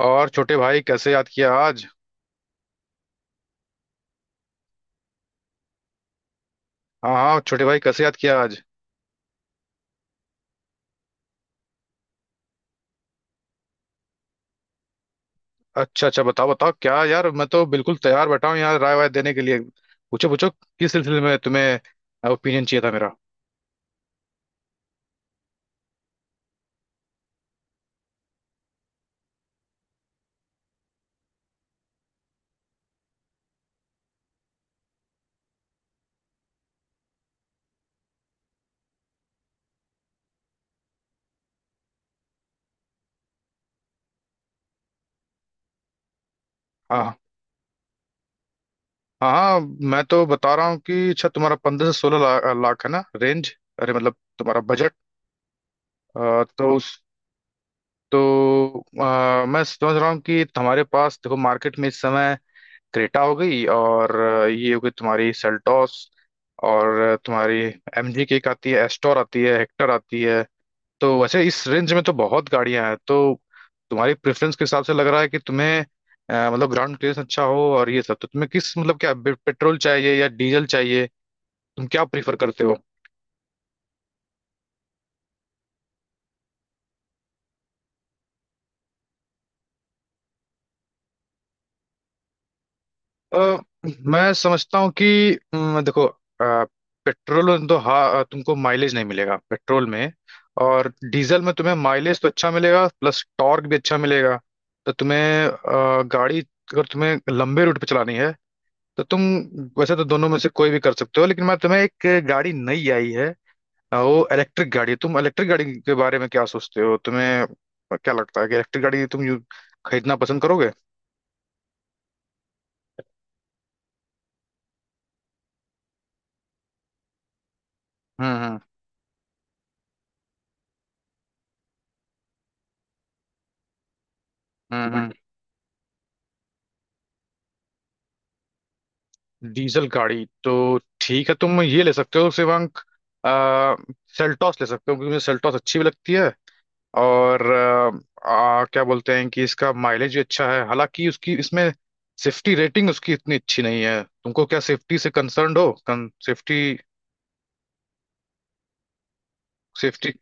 और छोटे भाई कैसे याद किया आज? हाँ हाँ, छोटे भाई कैसे याद किया आज? अच्छा अच्छा, बताओ बताओ, क्या यार मैं तो बिल्कुल तैयार बैठा हूँ यार राय वाय देने के लिए। पूछो पूछो, किस सिलसिले में तुम्हें ओपिनियन चाहिए था मेरा? हाँ। हाँ हाँ। मैं तो बता रहा हूँ कि अच्छा, तुम्हारा 15 से 16 लाख है ना रेंज, अरे मतलब तुम्हारा बजट। तो उस, तो मैं समझ रहा हूँ कि तुम्हारे पास देखो मार्केट में इस समय क्रेटा हो गई, और ये हो गई तुम्हारी सेल्टॉस, और तुम्हारी एमजी की एक आती है, एस्टोर आती है, हेक्टर आती है। तो वैसे इस रेंज में तो बहुत गाड़ियां हैं, तो तुम्हारी प्रेफरेंस के हिसाब से लग रहा है कि तुम्हें मतलब ग्राउंड क्लियरेंस अच्छा हो और ये सब। तो तुम्हें किस, मतलब क्या पेट्रोल चाहिए या डीजल चाहिए, तुम क्या प्रीफर करते हो? अ, मैं समझता हूँ कि देखो, पेट्रोल तो हाँ, तुमको माइलेज नहीं मिलेगा पेट्रोल में, और डीजल में तुम्हें माइलेज तो अच्छा मिलेगा प्लस टॉर्क भी अच्छा मिलेगा। तो तुम्हें गाड़ी अगर तुम्हें लंबे रूट पे चलानी है, तो तुम, वैसे तो दोनों में से कोई भी कर सकते हो, लेकिन मैं तुम्हें एक गाड़ी नई आई है, वो इलेक्ट्रिक गाड़ी है। तुम इलेक्ट्रिक गाड़ी के बारे में क्या सोचते हो, तुम्हें क्या लगता है कि इलेक्ट्रिक गाड़ी तुम खरीदना पसंद करोगे? हम्म। हम्म। हम्म। हम्म। डीजल गाड़ी तो ठीक है, तुम ये ले सकते हो शिवांक। आ, सेल्टॉस ले सकते हो क्योंकि मुझे सेल्टॉस अच्छी भी लगती है, और क्या बोलते हैं कि इसका माइलेज भी अच्छा है, हालांकि उसकी इसमें सेफ्टी रेटिंग उसकी इतनी अच्छी नहीं है। तुमको क्या सेफ्टी से कंसर्न्ड हो, सेफ्टी? सेफ्टी।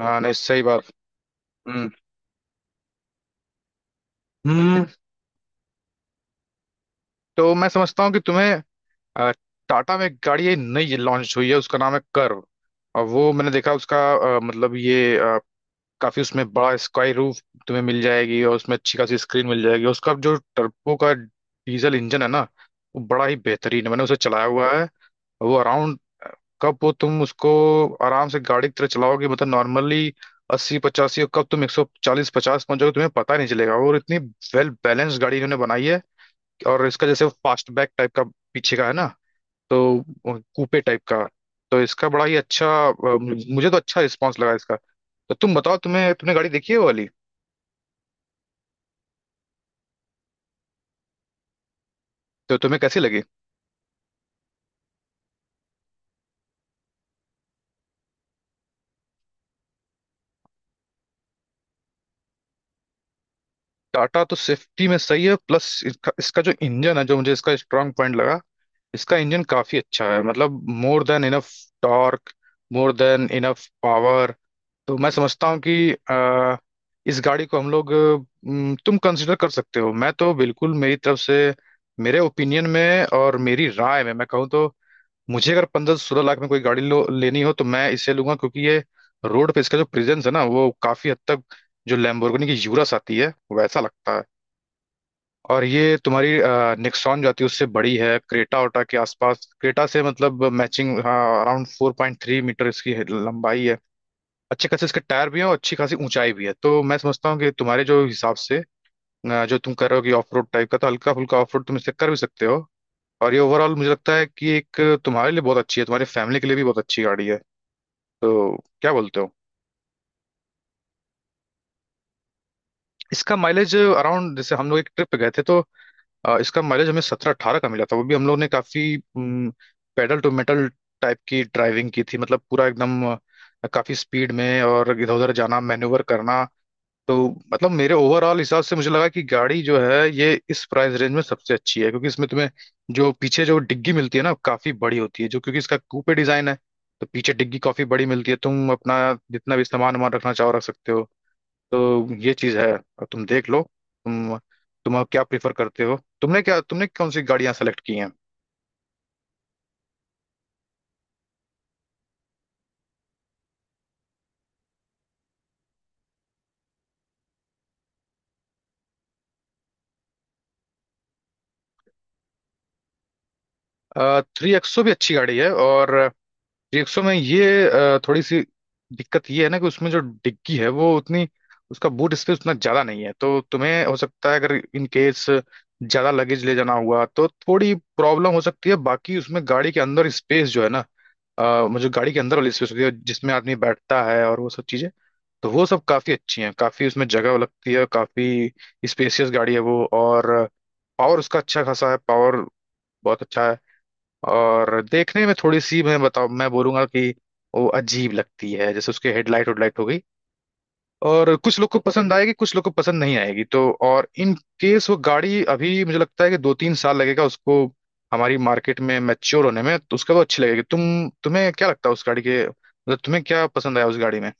हाँ नहीं, सही बात। हम्म हम्म, तो मैं समझता हूँ कि तुम्हें अ, टाटा में एक गाड़ी ये नई लॉन्च हुई है, उसका नाम है कर्व, और वो मैंने देखा उसका मतलब ये, काफी उसमें बड़ा स्काई रूफ तुम्हें मिल जाएगी, और उसमें अच्छी खासी स्क्रीन मिल जाएगी। उसका जो टर्बो का डीजल इंजन है ना, वो बड़ा ही बेहतरीन है, मैंने उसे चलाया हुआ है। वो अराउंड, कब वो तुम उसको आराम से गाड़ी की तरह चलाओगे मतलब नॉर्मली 80 85, और कब तुम 140 150 पहुंच जाओगे तुम्हें पता नहीं चलेगा, और इतनी वेल बैलेंस्ड गाड़ी इन्होंने बनाई है। और इसका जैसे फास्टबैक टाइप का पीछे का है ना, तो कूपे टाइप का। तो इसका बड़ा ही अच्छा, मुझे तो अच्छा रिस्पॉन्स लगा इसका। तो तुम बताओ, तुम्हें, तुमने गाड़ी देखी है वो वाली, तो तुम्हें कैसी लगी? टाटा तो सेफ्टी में सही है, प्लस इसका जो इंजन है जो मुझे इसका स्ट्रांग पॉइंट लगा, इसका इंजन काफी अच्छा है, मतलब more than enough torque, more than enough power. तो मैं समझता हूँ कि इस गाड़ी को हम लोग, तुम कंसिडर कर सकते हो, मैं तो बिल्कुल मेरी तरफ से, मेरे ओपिनियन में और मेरी राय में मैं कहूँ तो, मुझे अगर 15 16 लाख में कोई गाड़ी लो लेनी हो तो मैं इसे लूंगा, क्योंकि ये रोड पे इसका जो प्रेजेंस है ना, वो काफी हद तक जो लैम्बोर्गिनी की यूरस आती है, वैसा लगता है। और ये तुम्हारी नेक्सॉन जो आती है उससे बड़ी है, क्रेटा ओटा के आसपास, क्रेटा से मतलब मैचिंग। हाँ, अराउंड 4.3 मीटर इसकी लंबाई है। अच्छे खासे इसके टायर भी हैं और अच्छी खासी ऊंचाई भी है, तो मैं समझता हूँ कि तुम्हारे जो हिसाब से, जो तुम कर रहे हो कि ऑफ रोड टाइप का, तो हल्का फुल्का ऑफ रोड तुम इससे कर भी सकते हो। और ये ओवरऑल मुझे लगता है कि एक तुम्हारे लिए बहुत अच्छी है, तुम्हारी फैमिली के लिए भी बहुत अच्छी गाड़ी है। तो क्या बोलते हो? इसका माइलेज अराउंड, जैसे हम लोग एक ट्रिप पे गए थे तो इसका माइलेज हमें 17 18 का मिला था, वो भी हम लोग ने काफी पेडल टू मेटल टाइप की ड्राइविंग की थी, मतलब पूरा एकदम काफी स्पीड में और इधर उधर जाना मैन्यूवर करना। तो मतलब मेरे ओवरऑल हिसाब से मुझे लगा कि गाड़ी जो है ये, इस प्राइस रेंज में सबसे अच्छी है, क्योंकि इसमें तुम्हें जो पीछे जो डिग्गी मिलती है ना, काफी बड़ी होती है, जो क्योंकि इसका कूपे डिजाइन है, तो पीछे डिग्गी काफी बड़ी मिलती है, तुम अपना जितना भी सामान वामान रखना चाहो रख सकते हो। तो ये चीज है, और तुम देख लो। तुम तुम अब क्या प्रीफर करते हो, तुमने क्या, तुमने कौन सी गाड़ियां सेलेक्ट की हैं? थ्री एक्सो भी अच्छी गाड़ी है, और थ्री एक्सो में ये थोड़ी सी दिक्कत ये है ना कि उसमें जो डिग्गी है वो उतनी, उसका बूट स्पेस उतना ज्यादा नहीं है, तो तुम्हें हो सकता है अगर इन केस ज्यादा लगेज ले जाना हुआ तो थोड़ी प्रॉब्लम हो सकती है। बाकी उसमें गाड़ी के अंदर स्पेस जो है ना, मतलब जो गाड़ी के अंदर वाली स्पेस होती है जिसमें आदमी बैठता है और वो सब चीजें, तो वो सब काफी अच्छी हैं, काफी उसमें जगह लगती है, काफी स्पेसियस गाड़ी है वो। और पावर उसका अच्छा खासा है, पावर बहुत अच्छा है। और देखने में थोड़ी सी मैं बताऊँ, मैं बोलूंगा कि वो अजीब लगती है, जैसे उसके हेडलाइट हेडलाइट हो गई, और कुछ लोग को पसंद आएगी, कुछ लोग को पसंद नहीं आएगी। तो और इन केस वो गाड़ी अभी मुझे लगता है कि 2 3 साल लगेगा उसको हमारी मार्केट में मैच्योर होने में, तो उसका वो अच्छी लगेगी। तुम, तुम्हें क्या लगता है उस गाड़ी के, मतलब तुम्हें क्या पसंद आया उस गाड़ी में?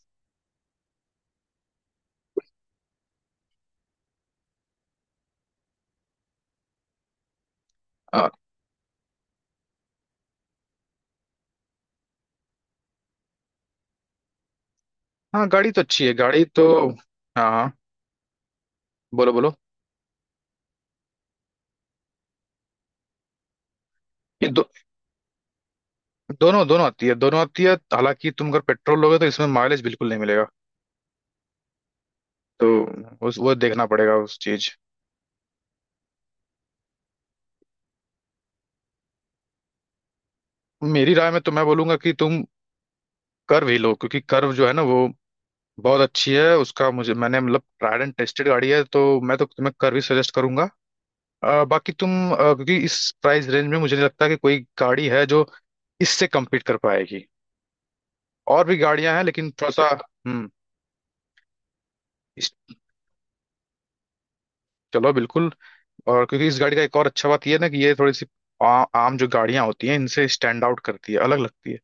आ, हाँ, गाड़ी तो अच्छी है गाड़ी तो। हाँ हाँ, बोलो बोलो, ये दोनों दोनों आती है, दोनों आती है, हालांकि तुम अगर पेट्रोल लोगे तो इसमें माइलेज बिल्कुल नहीं मिलेगा। तो उस वो देखना पड़ेगा उस चीज। मेरी राय में तो मैं बोलूंगा कि तुम कर्व ही लो, क्योंकि कर्व जो है ना, वो बहुत अच्छी है, उसका मुझे, मैंने मतलब ट्राइड एंड टेस्टेड गाड़ी है, तो मैं तो तुम्हें कर्व ही सजेस्ट करूंगा। बाकी तुम, क्योंकि इस प्राइस रेंज में मुझे नहीं लगता कि कोई गाड़ी है जो इससे कम्पीट कर पाएगी। और भी गाड़ियां हैं लेकिन थोड़ा सा। हम्म। इस- चलो बिल्कुल। और क्योंकि इस गाड़ी का एक और अच्छा बात यह है ना कि ये थोड़ी सी आ, आम जो गाड़ियां होती हैं इनसे स्टैंड आउट करती है, अलग लगती है।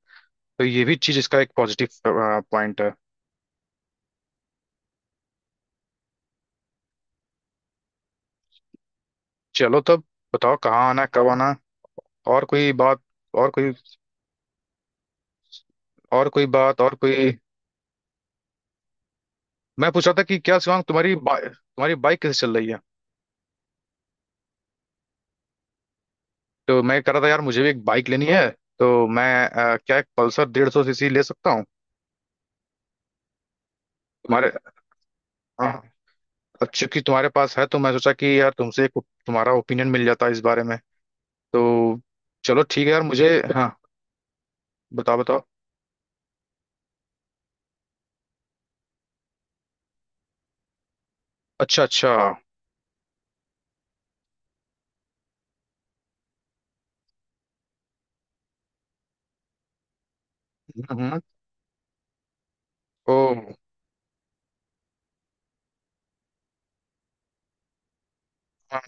तो ये भी चीज इसका एक पॉजिटिव पॉइंट है। चलो तब, बताओ कहाँ आना है, कब आना है, और कोई बात, और कोई, और कोई बात, और कोई। मैं पूछ रहा था कि क्या शिवांग, तुम्हारी बाइक कैसे चल रही है? तो मैं कह रहा था यार, मुझे भी एक बाइक लेनी है। तो मैं क्या एक पल्सर 150 सीसी ले सकता हूँ? तुम्हारे, हाँ, अब चूंकि तुम्हारे पास है तो मैं सोचा कि यार तुमसे एक, तुम्हारा ओपिनियन मिल जाता है इस बारे में। तो चलो ठीक है यार, मुझे। हाँ बताओ बताओ। अच्छा अच्छा। हम्म हम्म। ओ। हाँ,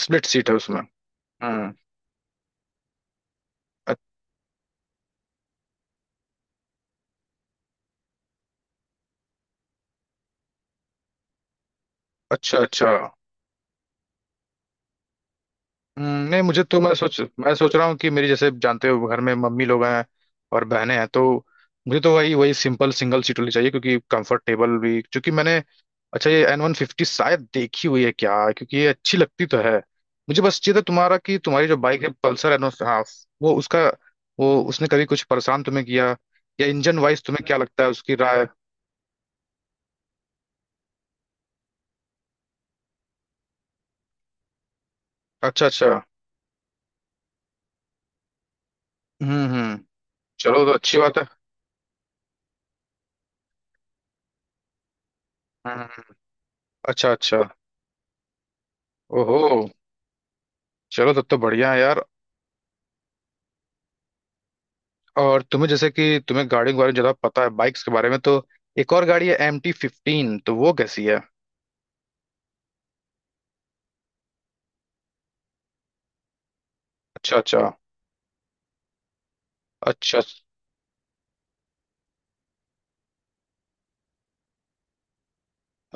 स्प्लिट सीट है उसमें। हम्म। अ- अच्छा अच्छा। नहीं, मुझे तो, मैं सोच, मैं सोच रहा हूँ कि मेरी जैसे जानते हो, घर में मम्मी लोग हैं और बहनें हैं, तो मुझे तो वही वही सिंपल सिंगल सीट वाली चाहिए क्योंकि कंफर्टेबल भी। क्योंकि मैंने, अच्छा ये एन 150 शायद देखी हुई है क्या, क्योंकि ये अच्छी लगती तो है। मुझे बस चाहिए था तुम्हारा कि तुम्हारी जो बाइक है पल्सर एन, हाँ, वो उसका, वो उसने कभी कुछ परेशान तुम्हें किया, या इंजन वाइज तुम्हें क्या लगता है उसकी राय? अच्छा अच्छा। हम्म। चलो तो अच्छी बात है। हम्म, अच्छा अच्छा। ओहो, चलो तब तो बढ़िया है यार। और तुम्हें जैसे कि तुम्हें गाड़ियों के बारे में ज्यादा पता है, बाइक्स के बारे में, तो एक और गाड़ी है एम टी 15, तो वो कैसी है? अच्छा अच्छा। अच्छा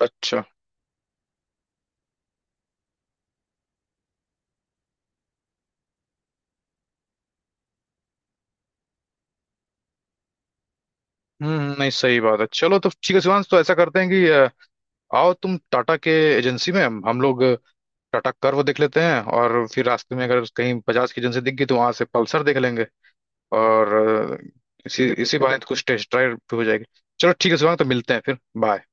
अच्छा। नहीं सही बात है। चलो तो ठीक है शिवांश, तो ऐसा करते हैं कि आओ तुम टाटा के एजेंसी में, हम लोग टाटा कर्व देख लेते हैं, और फिर रास्ते में अगर कहीं बजाज की एजेंसी दिख गई तो वहां से पल्सर देख लेंगे। और इसी इसी बहाने तो कुछ टेस्ट ड्राइव भी हो जाएगी। चलो ठीक है शिवांग, तो मिलते हैं फिर। बाय।